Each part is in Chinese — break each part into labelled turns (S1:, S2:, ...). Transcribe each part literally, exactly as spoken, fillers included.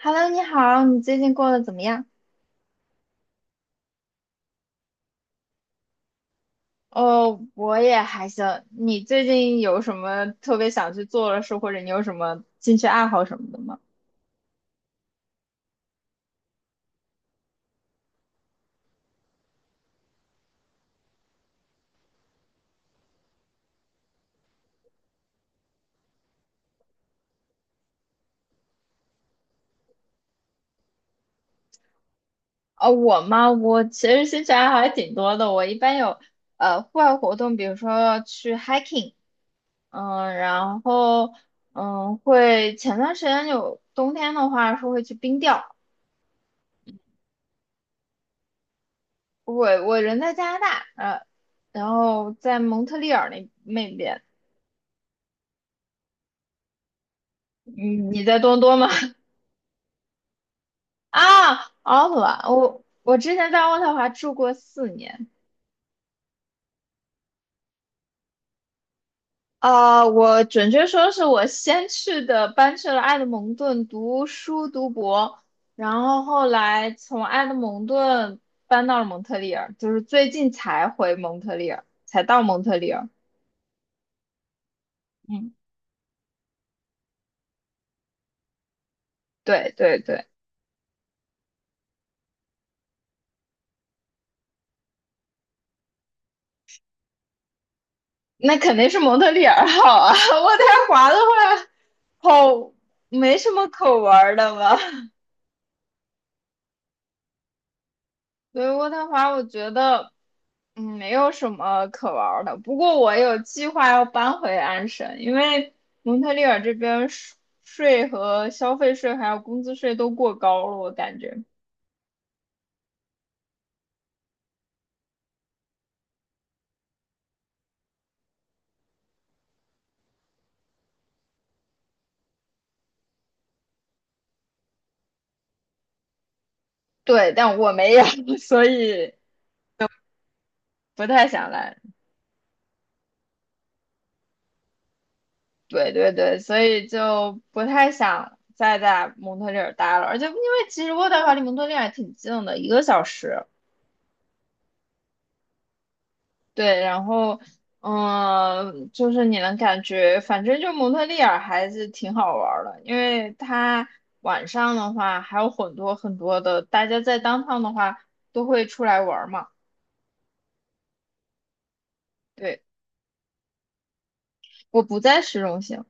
S1: Hello，你好，你最近过得怎么样？哦，我也还行。你最近有什么特别想去做的事，或者你有什么兴趣爱好什么的吗？哦，我吗？我其实兴趣爱好还挺多的。我一般有呃户外活动，比如说去 hiking，嗯，然后嗯会前段时间有冬天的话是会去冰钓。我我人在加拿大，呃，然后在蒙特利尔那那边。你你在多伦多吗？啊，渥太华，我我之前在渥太华住过四年。啊、我准确说是我先去的，搬去了埃德蒙顿读书读博，然后后来从埃德蒙顿搬到了蒙特利尔，就是最近才回蒙特利尔，才到蒙特利尔。嗯，对对对。那肯定是蒙特利尔好啊。渥太华的话，好，没什么可玩儿的吧？所以渥太华我觉得，嗯，没有什么可玩儿的。不过我有计划要搬回安省，因为蒙特利尔这边税税和消费税还有工资税都过高了，我感觉。对，但我没有，所以不太想来。对对对，所以就不太想再在蒙特利尔待了。而且因为其实渥太华离蒙特利尔挺近的，一个小时。对，然后，嗯、就是你能感觉，反正就蒙特利尔还是挺好玩儿的，因为它晚上的话还有很多很多的，大家在当 o 的话都会出来玩儿嘛。对，我不在市中心，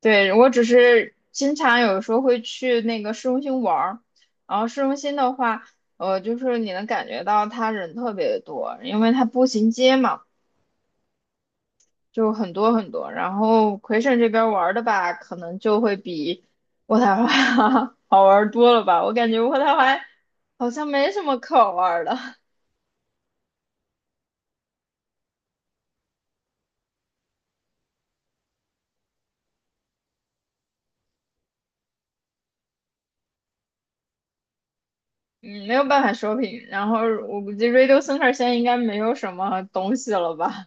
S1: 对，我只是经常有时候会去那个市中心玩儿，然后市中心的话，呃，就是你能感觉到它人特别多，因为它步行街嘛。就很多很多。然后魁省这边玩儿的吧，可能就会比渥太华 好玩儿多了吧。我感觉渥太华好像没什么可玩儿的，嗯，没有办法 shopping。然后我估计 Radio Center 现在应该没有什么东西了吧。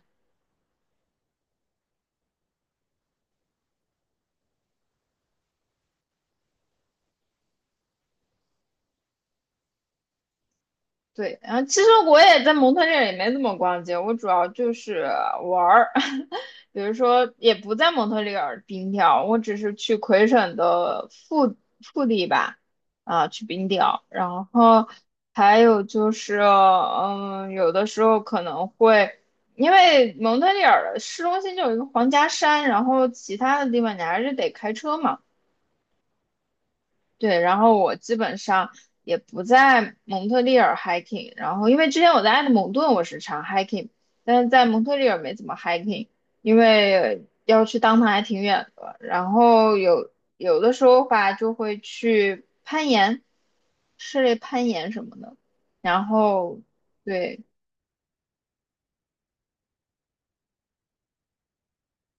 S1: 对，然后其实我也在蒙特利尔也没怎么逛街，我主要就是玩儿，比如说也不在蒙特利尔冰钓，我只是去魁省的腹腹地吧，啊，去冰钓，然后还有就是，嗯，有的时候可能会，因为蒙特利尔的市中心就有一个皇家山，然后其他的地方你还是得开车嘛。对，然后我基本上也不在蒙特利尔 hiking，然后因为之前我在埃德蒙顿我是常 hiking，但是在蒙特利尔没怎么 hiking，因为要去当趟还挺远的，然后有有的时候吧就会去攀岩，室内攀岩什么的，然后对，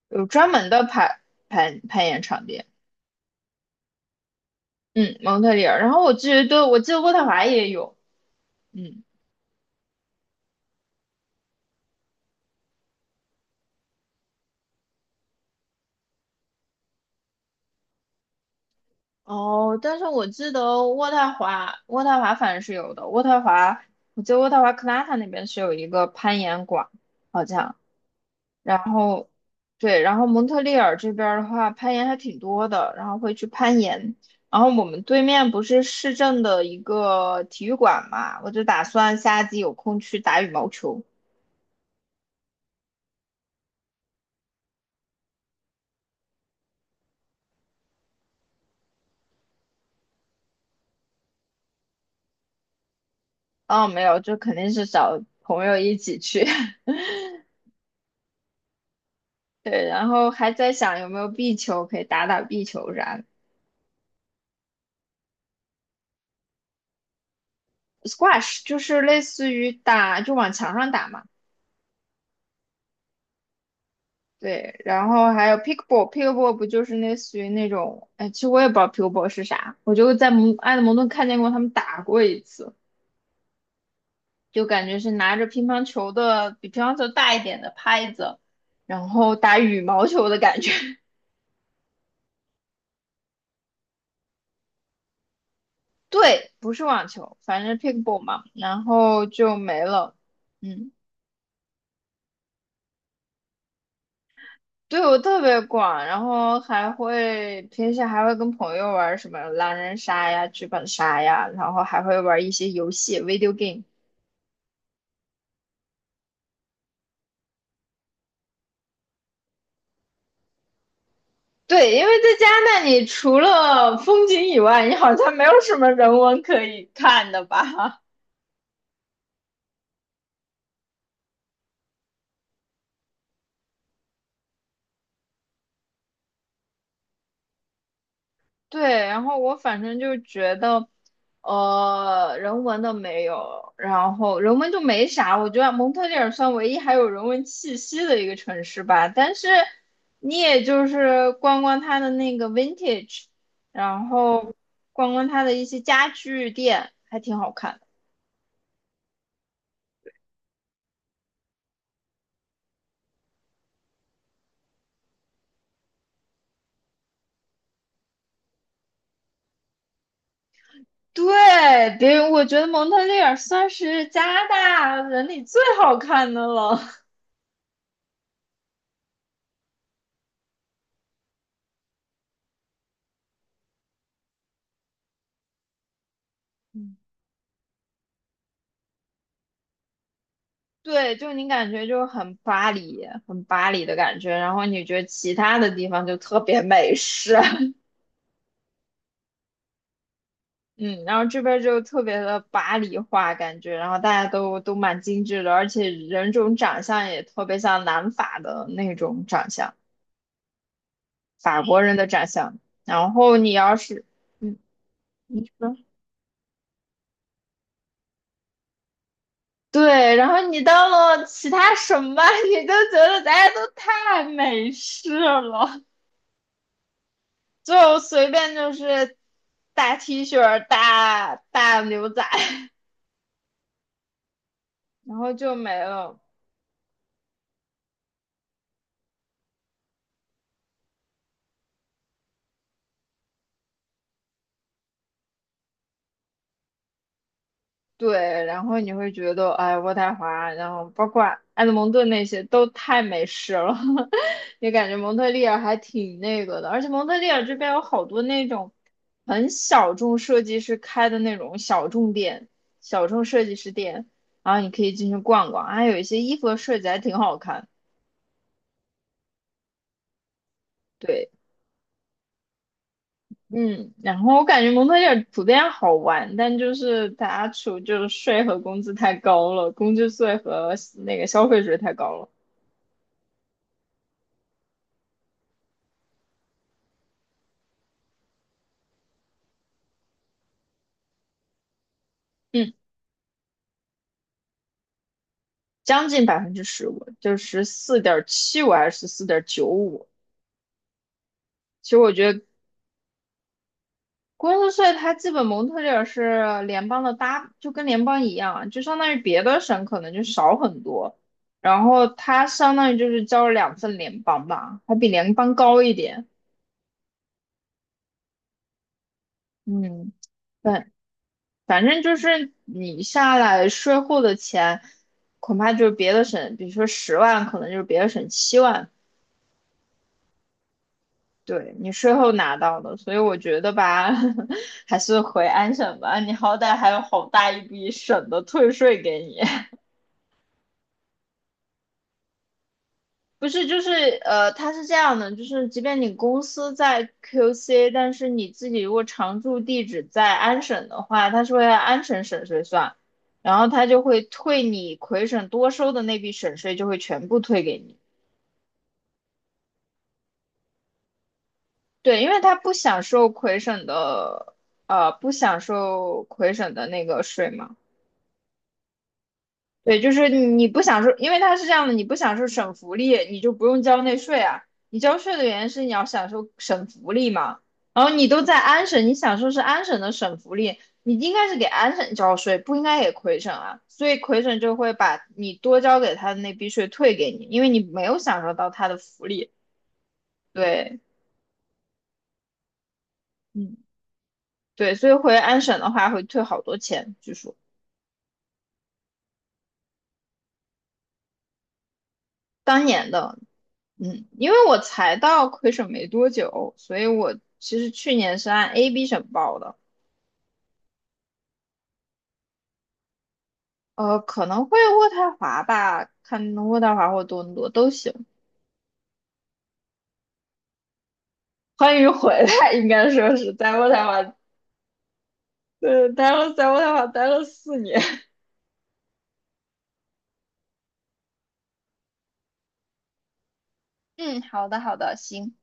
S1: 有专门的攀攀攀岩场地，嗯，蒙特利尔，然后我记得对，我记得渥太华也有，嗯。哦，但是我记得渥太华，渥太华反正是有的。渥太华，我记得渥太华克拉塔那边是有一个攀岩馆，好像。然后，对，然后蒙特利尔这边儿的话，攀岩还挺多的，然后会去攀岩。然后我们对面不是市政的一个体育馆嘛，我就打算夏季有空去打羽毛球。哦，没有，就肯定是找朋友一起去。对，然后还在想有没有壁球可以打打壁球啥的。squash 就是类似于打，就往墙上打嘛。对，然后还有 pickleball，pickleball 不就是类似于那种，哎，其实我也不知道 pickleball 是啥，我就在蒙爱德蒙顿看见过他们打过一次，就感觉是拿着乒乓球的比乒乓球大一点的拍子，然后打羽毛球的感觉。对，不是网球，反正 pickleball 嘛，然后就没了。嗯，对我特别广，然后还会平时还会跟朋友玩什么狼人杀呀、剧本杀呀，然后还会玩一些游戏 （video game）。对，因为在加拿大，你除了风景以外，你好像没有什么人文可以看的吧？对，然后我反正就觉得，呃，人文的没有，然后人文就没啥。我觉得蒙特利尔算唯一还有人文气息的一个城市吧，但是你也就是逛逛它的那个 vintage，然后逛逛它的一些家具店，还挺好看的。对，别，我觉得蒙特利尔算是加拿大人里最好看的了。对，就你感觉就很巴黎，很巴黎的感觉，然后你觉得其他的地方就特别美式，嗯，然后这边就特别的巴黎化感觉，然后大家都都蛮精致的，而且人种长相也特别像南法的那种长相，法国人的长相。然后你要是，嗯，你说，对，然后你到了其他省吧，你就觉得大家都太美式了。就随便就是大 T 恤、大大牛仔，然后就没了。对，然后你会觉得，哎，渥太华，然后包括埃德蒙顿那些都太美式了 也感觉蒙特利尔还挺那个的。而且蒙特利尔这边有好多那种很小众设计师开的那种小众店、小众设计师店，然后你可以进去逛逛，还有一些衣服的设计还挺好看。对，嗯，然后我感觉蒙特利尔普遍好玩，但就是它出就是税和工资太高了，工资税和那个消费税太高了，嗯，将近百分之十五，就十四点七五还是十四点九五。其实我觉得工资税它基本蒙特利尔是联邦的搭，就跟联邦一样，就相当于别的省可能就少很多，然后它相当于就是交了两份联邦吧，还比联邦高一点，嗯。对，反正就是你下来税后的钱，恐怕就是别的省，比如说十万，可能就是别的省七万，对你税后拿到的。所以我觉得吧，还是回安省吧，你好歹还有好大一笔省的退税给你。不是，就是呃，它是这样的，就是即便你公司在 Q C，但是你自己如果常住地址在安省的话，它是会按安省省税算，然后它就会退你魁省多收的那笔省税，就会全部退给你。对，因为它不享受魁省的，呃，不享受魁省的那个税嘛。对，就是你不享受，因为它是这样的，你不享受省福利，你就不用交那税啊。你交税的原因是你要享受省福利嘛。然后你都在安省，你享受是安省的省福利，你应该是给安省交税，不应该给魁省啊。所以魁省就会把你多交给他的那笔税退给你，因为你没有享受到他的福利。对，嗯，对，所以回安省的话会退好多钱，据说当年的，嗯，因为我才到魁省没多久，所以我其实去年是按 A B 省报的，呃，可能会渥太华吧，看渥太华或多伦多都行。欢迎回来，应该说是在渥太华，呃，待了在渥太华待了四年。嗯，好的，好的，行。